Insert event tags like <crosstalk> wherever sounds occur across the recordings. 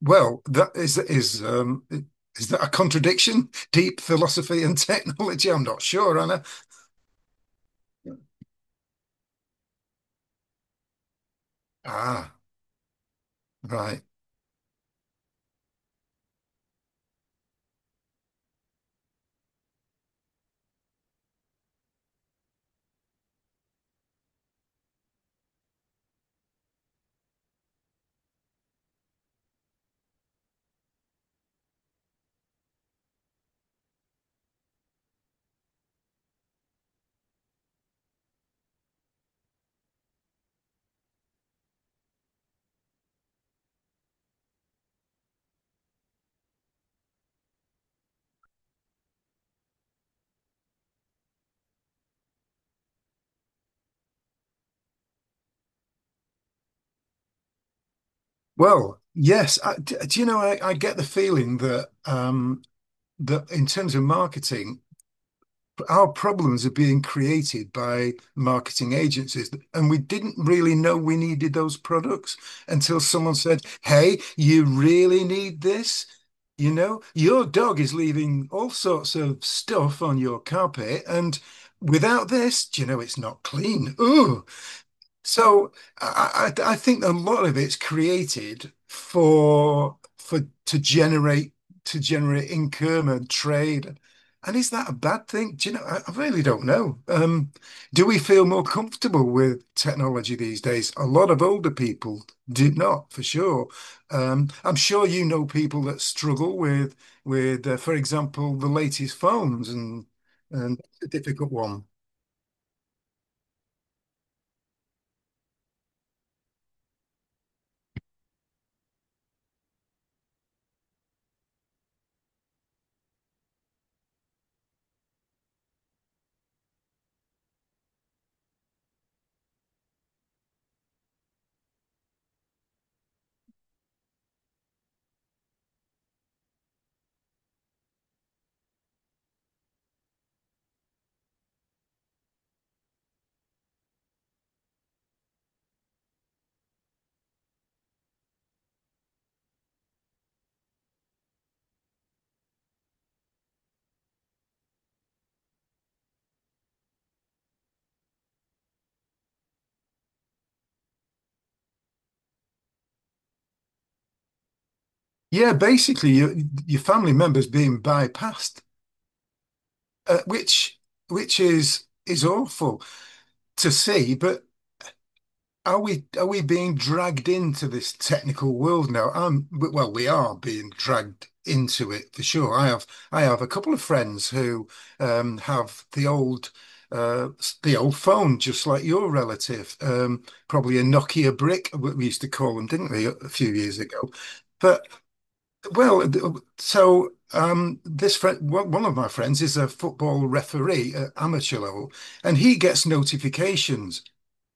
Well, that is that a contradiction? Deep philosophy and <laughs> technology? I'm not sure, Anna. Ah, right. Well, yes. Do you know? I get the feeling that that in terms of marketing, our problems are being created by marketing agencies, and we didn't really know we needed those products until someone said, "Hey, you really need this." You know, your dog is leaving all sorts of stuff on your carpet, and without this, do you know, it's not clean. Ooh. So I think a lot of it's created for to generate to generate income and trade. And is that a bad thing? Do you know? I really don't know. Do we feel more comfortable with technology these days? A lot of older people did not, for sure. I'm sure you know people that struggle with, for example, the latest phones and it's a difficult one. Yeah, basically your family members being bypassed, uh, which which is awful to see. But are we being dragged into this technical world now? Well, we are being dragged into it for sure. I have a couple of friends who have the old the old phone, just like your relative, probably a Nokia brick, what we used to call them, didn't we, a few years ago? But Well, th- uh, so this friend, one of my friends is a football referee at amateur level, and he gets notifications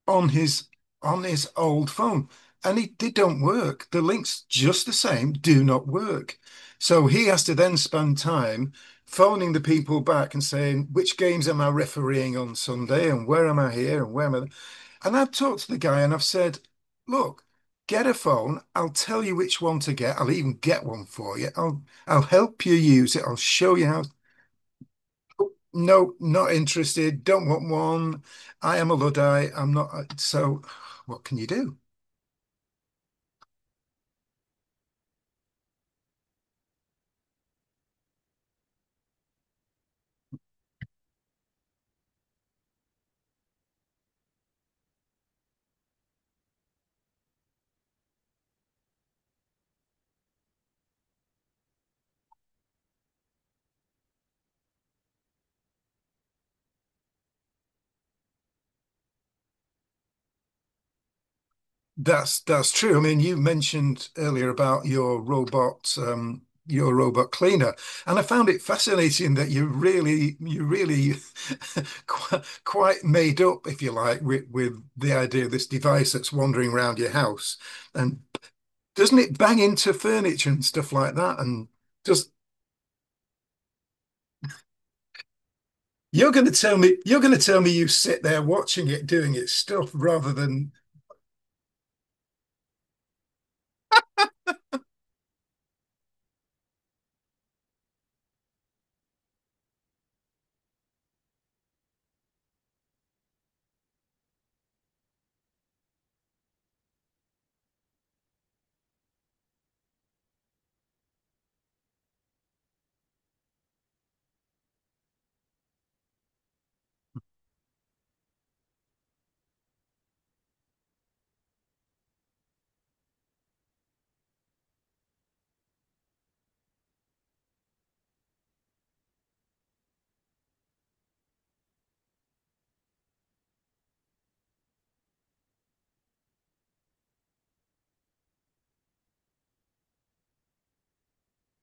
on his on his old phone, and it, they don't work. The links, just the same, do not work. So he has to then spend time phoning the people back and saying, which games am I refereeing on Sunday, and where am I here, and where am I and I've talked to the guy and I've said, look, get a phone. I'll tell you which one to get. I'll even get one for you. I'll help you use it. I'll show you how. No, not interested. Don't want one. I am a Luddite. I'm not. So what can you do? That's true. I mean, you mentioned earlier about your robot cleaner, and I found it fascinating that you really <laughs> quite made up, if you like, with the idea of this device that's wandering around your house. And doesn't it bang into furniture and stuff like that? And just you're going to tell me you sit there watching it doing its stuff rather than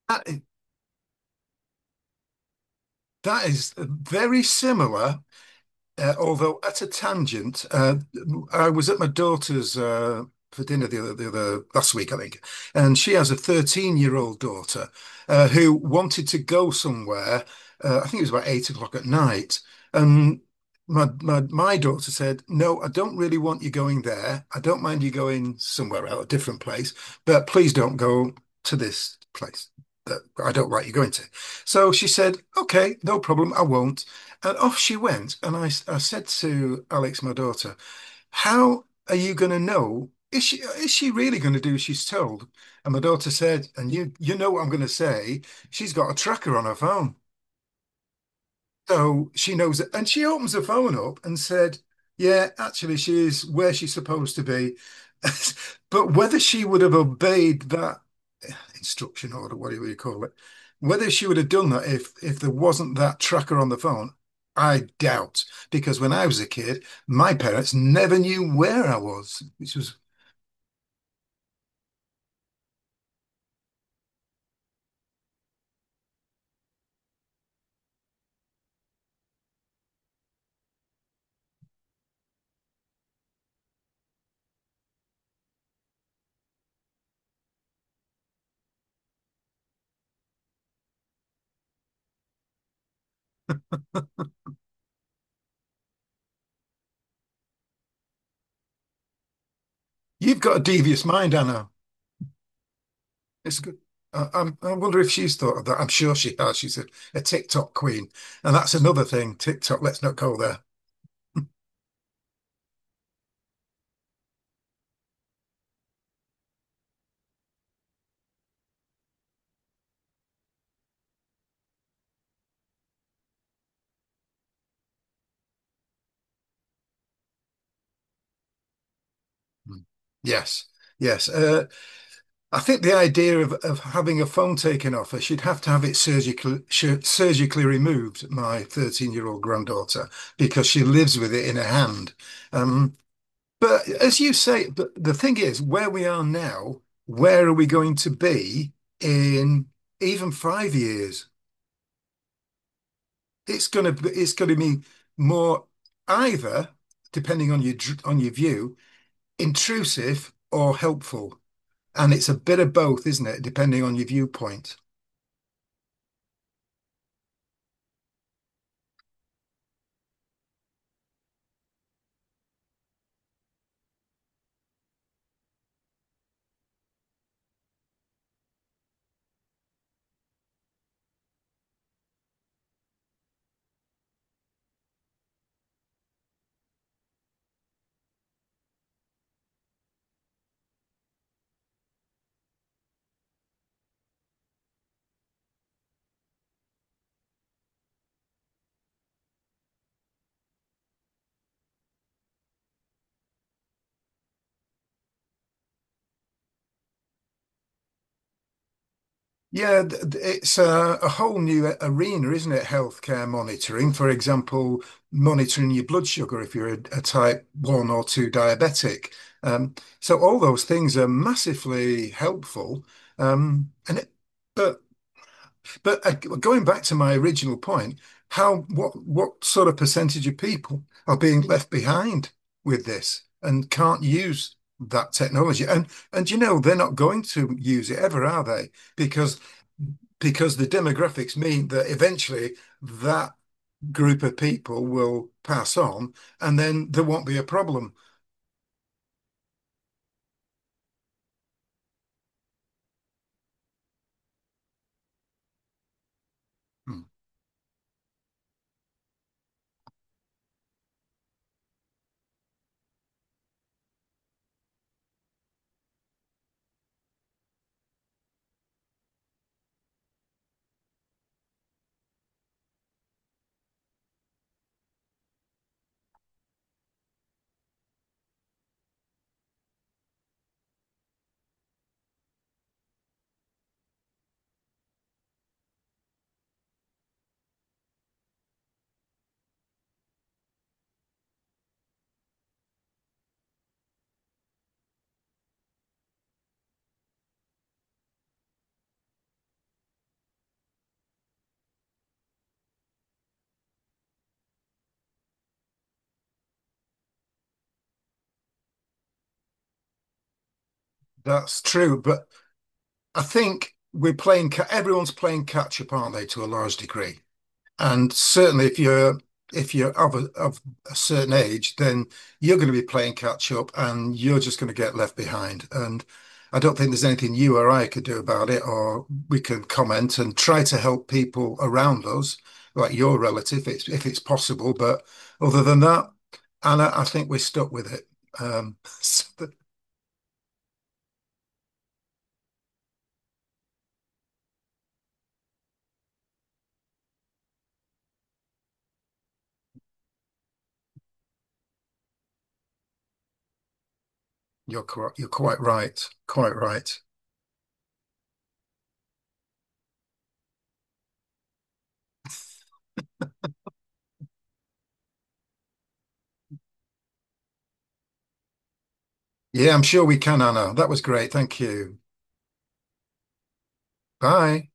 that. That is very similar. Although at a tangent, I was at my daughter's for dinner the other last week, I think, and she has a 13-year-old daughter who wanted to go somewhere. I think it was about 8 o'clock at night, and my daughter said, "No, I don't really want you going there. I don't mind you going somewhere else, a different place, but please don't go to this place that I don't like you going to." So she said, "Okay, no problem, I won't." And off she went. And I said to Alex, my daughter, how are you going to know? Is she really going to do as she's told? And my daughter said, and you know what I'm going to say, she's got a tracker on her phone. So she knows it. And she opens her phone up and said, yeah, actually, she is where she's supposed to be. <laughs> But whether she would have obeyed that instruction order, whatever you call it, whether she would have done that if there wasn't that tracker on the phone, I doubt. Because when I was a kid, my parents never knew where I was, which was, you've got a devious mind, Anna. It's good. I wonder if she's thought of that. I'm sure she has. She's a TikTok queen. And that's another thing. TikTok, let's not go there. <laughs> Mm. Yes, yes. I think the idea of having a phone taken off her, she'd have to have it surgically removed, my 13-year-old granddaughter, because she lives with it in her hand. Um, but as you say, but the thing is, where we are now, where are we going to be in even 5 years? It's gonna be more either, depending on your view, intrusive or helpful. And it's a bit of both, isn't it? Depending on your viewpoint. Yeah, it's a whole new arena, isn't it? Healthcare monitoring, for example, monitoring your blood sugar if you're a type one or two diabetic. Um, so all those things are massively helpful. And it, but Going back to my original point, how what sort of percentage of people are being left behind with this and can't use that technology? And you know they're not going to use it ever, are they? because because the demographics mean that eventually that group of people will pass on and then there won't be a problem. Mm. That's true. But I think we're playing, everyone's playing catch up, aren't they, to a large degree? And certainly, if you're of of a certain age, then you're going to be playing catch up, and you're just going to get left behind. And I don't think there's anything you or I could do about it, or we can comment and try to help people around us, like your relative, if it's possible. But other than that, Anna, I think we're stuck with it. <laughs> So you're quite right, quite right. Yeah, I'm sure we can, Anna. That was great. Thank you. Bye.